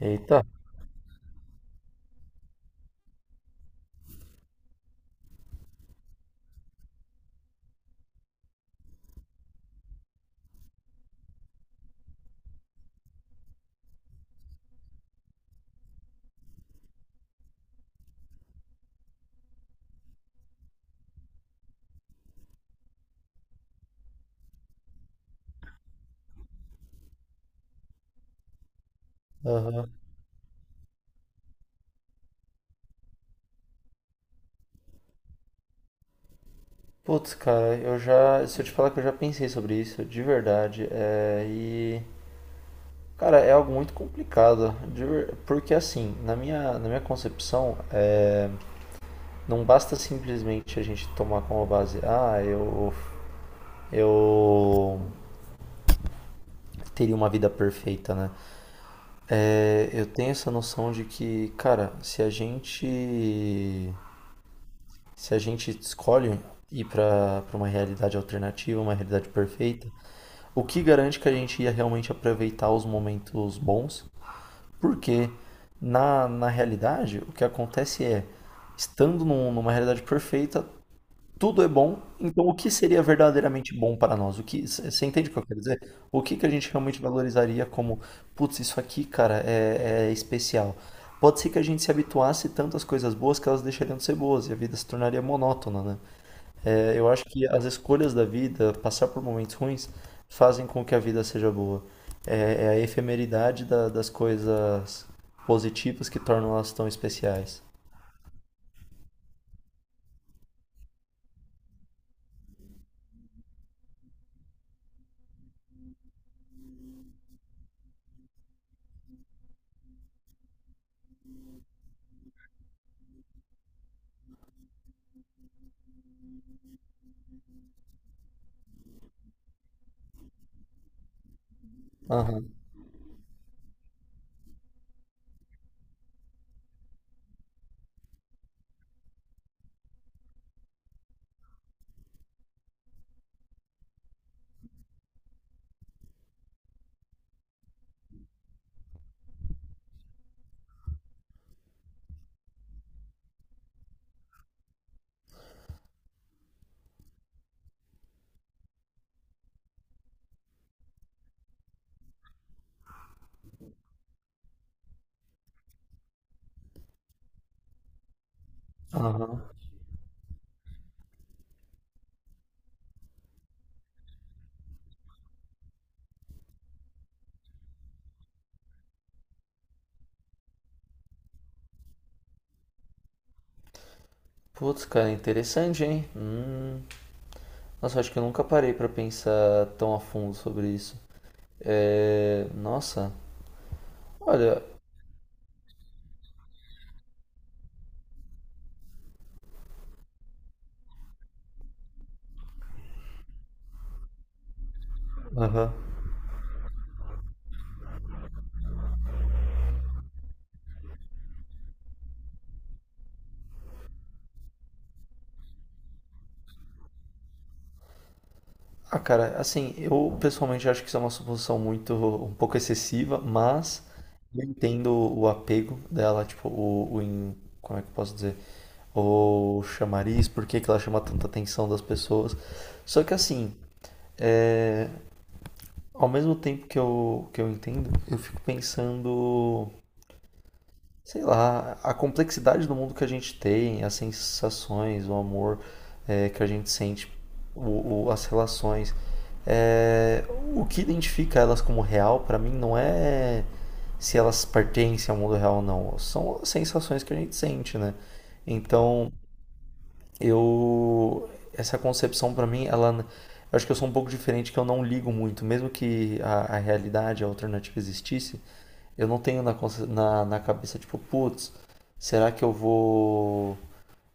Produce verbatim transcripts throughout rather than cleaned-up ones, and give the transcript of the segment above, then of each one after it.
Eita. Aham. Putz, cara, eu já. Se eu te falar que eu já pensei sobre isso, de verdade. É, e. Cara, é algo muito complicado. De ver- porque, assim, na minha, na minha concepção, é, não basta simplesmente a gente tomar como base, ah, eu. Eu teria uma vida perfeita, né? É, eu tenho essa noção de que, cara, se a gente. Se a gente escolhe ir para para uma realidade alternativa, uma realidade perfeita. O que garante que a gente ia realmente aproveitar os momentos bons? Porque na, na realidade o que acontece é, estando num- numa realidade perfeita, tudo é bom, então o que seria verdadeiramente bom para nós? O que, você entende o que eu quero dizer? O que que a gente realmente valorizaria como, putz, isso aqui, cara, é, é especial. Pode ser que a gente se habituasse tanto às coisas boas que elas deixariam de ser boas e a vida se tornaria monótona, né? É, eu acho que as escolhas da vida, passar por momentos ruins, fazem com que a vida seja boa. É, é a efemeridade da- das coisas positivas que tornam elas tão especiais. Aham, aham. Putz, cara, interessante, hein? Hum. Nossa, acho que eu nunca parei pra pensar tão a fundo sobre isso. É... Nossa, olha. Aham. Ah, cara, assim, eu pessoalmente acho que isso é uma suposição muito, um pouco excessiva, mas eu entendo o apego dela, tipo, o, o in- como é que eu posso dizer? O chamariz, por que que ela chama tanta atenção das pessoas. Só que assim, é, ao mesmo tempo que eu, que eu entendo, eu fico pensando, sei lá, a complexidade do mundo que a gente tem, as sensações, o amor, é, que a gente sente, o, o- as relações, é, o que identifica elas como real, para mim, não é se elas pertencem ao mundo real ou não, são as sensações que a gente sente, né? Então, eu, essa concepção para mim, ela, eu acho que eu sou um pouco diferente, que eu não ligo muito, mesmo que a, a realidade, a alternativa existisse, eu não tenho na, consci- na, na cabeça, tipo, putz, será que eu vou.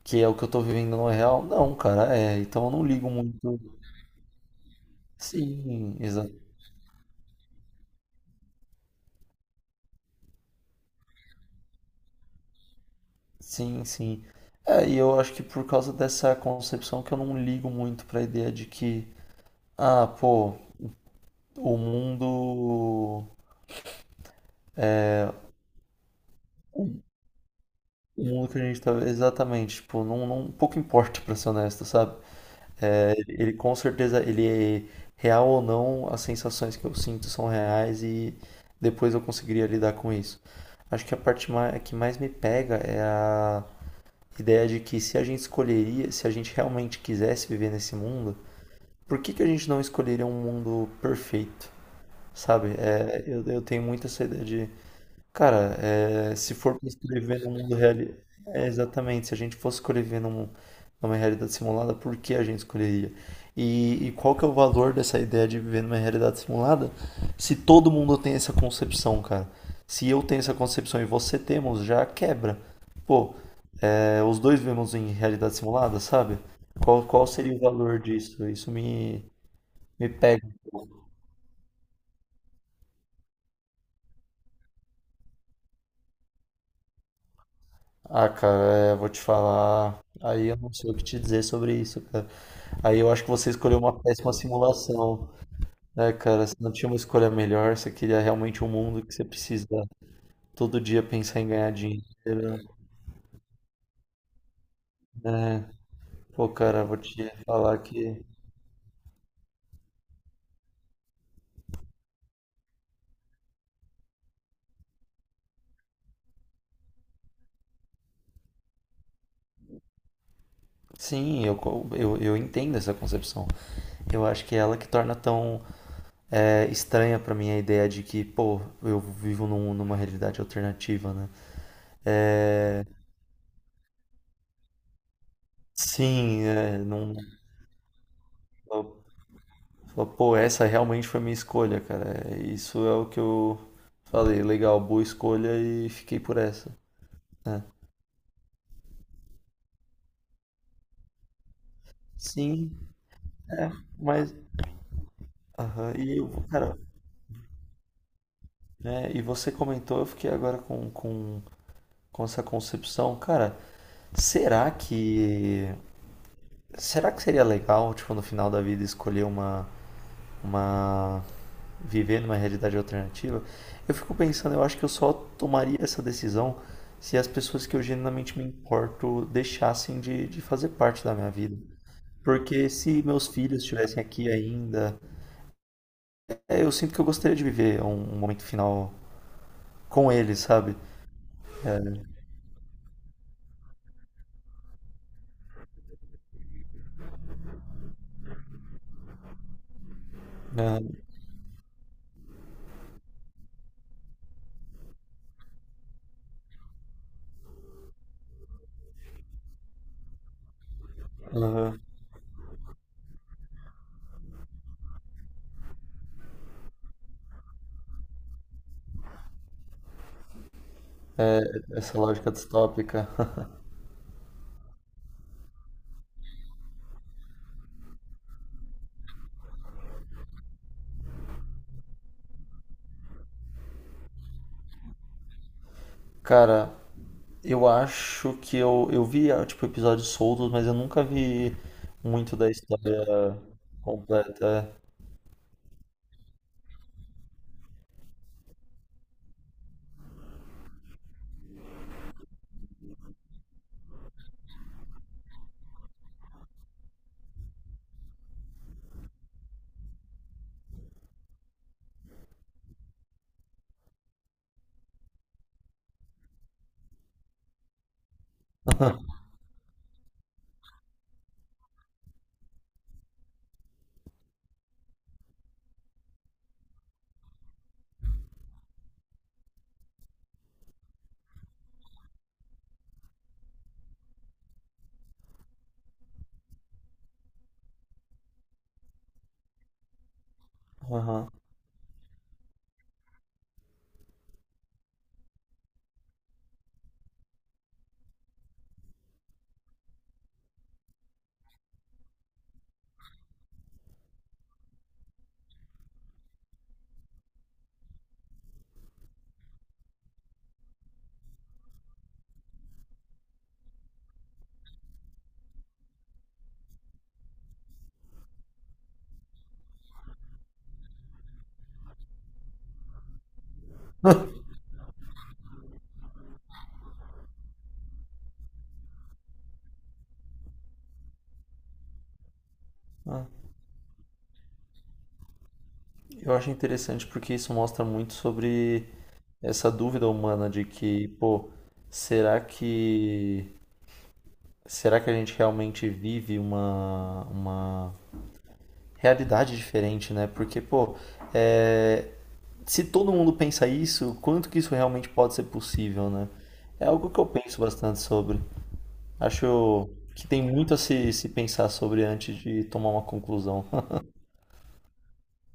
Que é o que eu tô vivendo não é real? Não, cara, é. Então eu não ligo muito. Sim, exa... sim, sim. É, e eu acho que por causa dessa concepção que eu não ligo muito pra ideia de que, ah, pô, o mundo. O mundo que a gente tá. Exatamente, tipo, não, não, pouco importa, pra ser honesto, sabe? É, ele ele com certeza, ele é real ou não, as sensações que eu sinto são reais e depois eu conseguiria lidar com isso. Acho que a parte ma- que mais me pega é a ideia de que, se a gente escolheria, se a gente realmente quisesse viver nesse mundo, por que que a gente não escolheria um mundo perfeito? Sabe? É, eu, eu tenho muito essa ideia de. Cara, é, se for pra escrever no mundo real, é, exatamente, se a gente fosse escolher viver num- numa realidade simulada, por que a gente escolheria? E, e qual que é o valor dessa ideia de viver numa realidade simulada se todo mundo tem essa concepção, cara? Se eu tenho essa concepção e você temos, já quebra. Pô, é, os dois vivemos em realidade simulada, sabe? Qual, qual seria o valor disso? Isso me, me pega. Ah, cara, é, vou te falar. Aí eu não sei o que te dizer sobre isso, cara. Aí eu acho que você escolheu uma péssima simulação, né, cara? Você não tinha uma escolha melhor, você queria realmente um mundo que você precisa todo dia pensar em ganhar dinheiro, né? Pô, cara, vou te falar que. Sim, eu, co- eu, eu entendo essa concepção. Eu acho que é ela que torna tão é, estranha pra mim a ideia de que, pô, eu vivo num- numa realidade alternativa, né? Sim, é, não. Falou, pô, essa realmente foi minha escolha, cara. Isso é o que eu falei, legal, boa escolha e fiquei por essa. É. Sim, é, mas. Aham, e eu, cara, né, e você comentou, eu fiquei agora com, com, com essa concepção, cara, será que. Será que seria legal, tipo, no final da vida, escolher uma, uma viver numa realidade alternativa, eu fico pensando, eu acho que eu só tomaria essa decisão se as pessoas que eu genuinamente me importo deixassem de, de fazer parte da minha vida. Porque se meus filhos estivessem aqui ainda, é, eu sinto que eu gostaria de viver um, um momento final com eles, sabe? É, aham, essa lógica distópica. Cara, eu acho que eu, eu vi, ah, tipo, episódios soltos, mas eu nunca vi muito da história completa. Aham. Eu acho interessante porque isso mostra muito sobre essa dúvida humana de que, pô, será que será que a gente realmente vive uma uma realidade diferente, né? Porque, pô, é, se todo mundo pensa isso, quanto que isso realmente pode ser possível, né? É algo que eu penso bastante sobre. Acho que tem muito a se, se pensar sobre antes de tomar uma conclusão.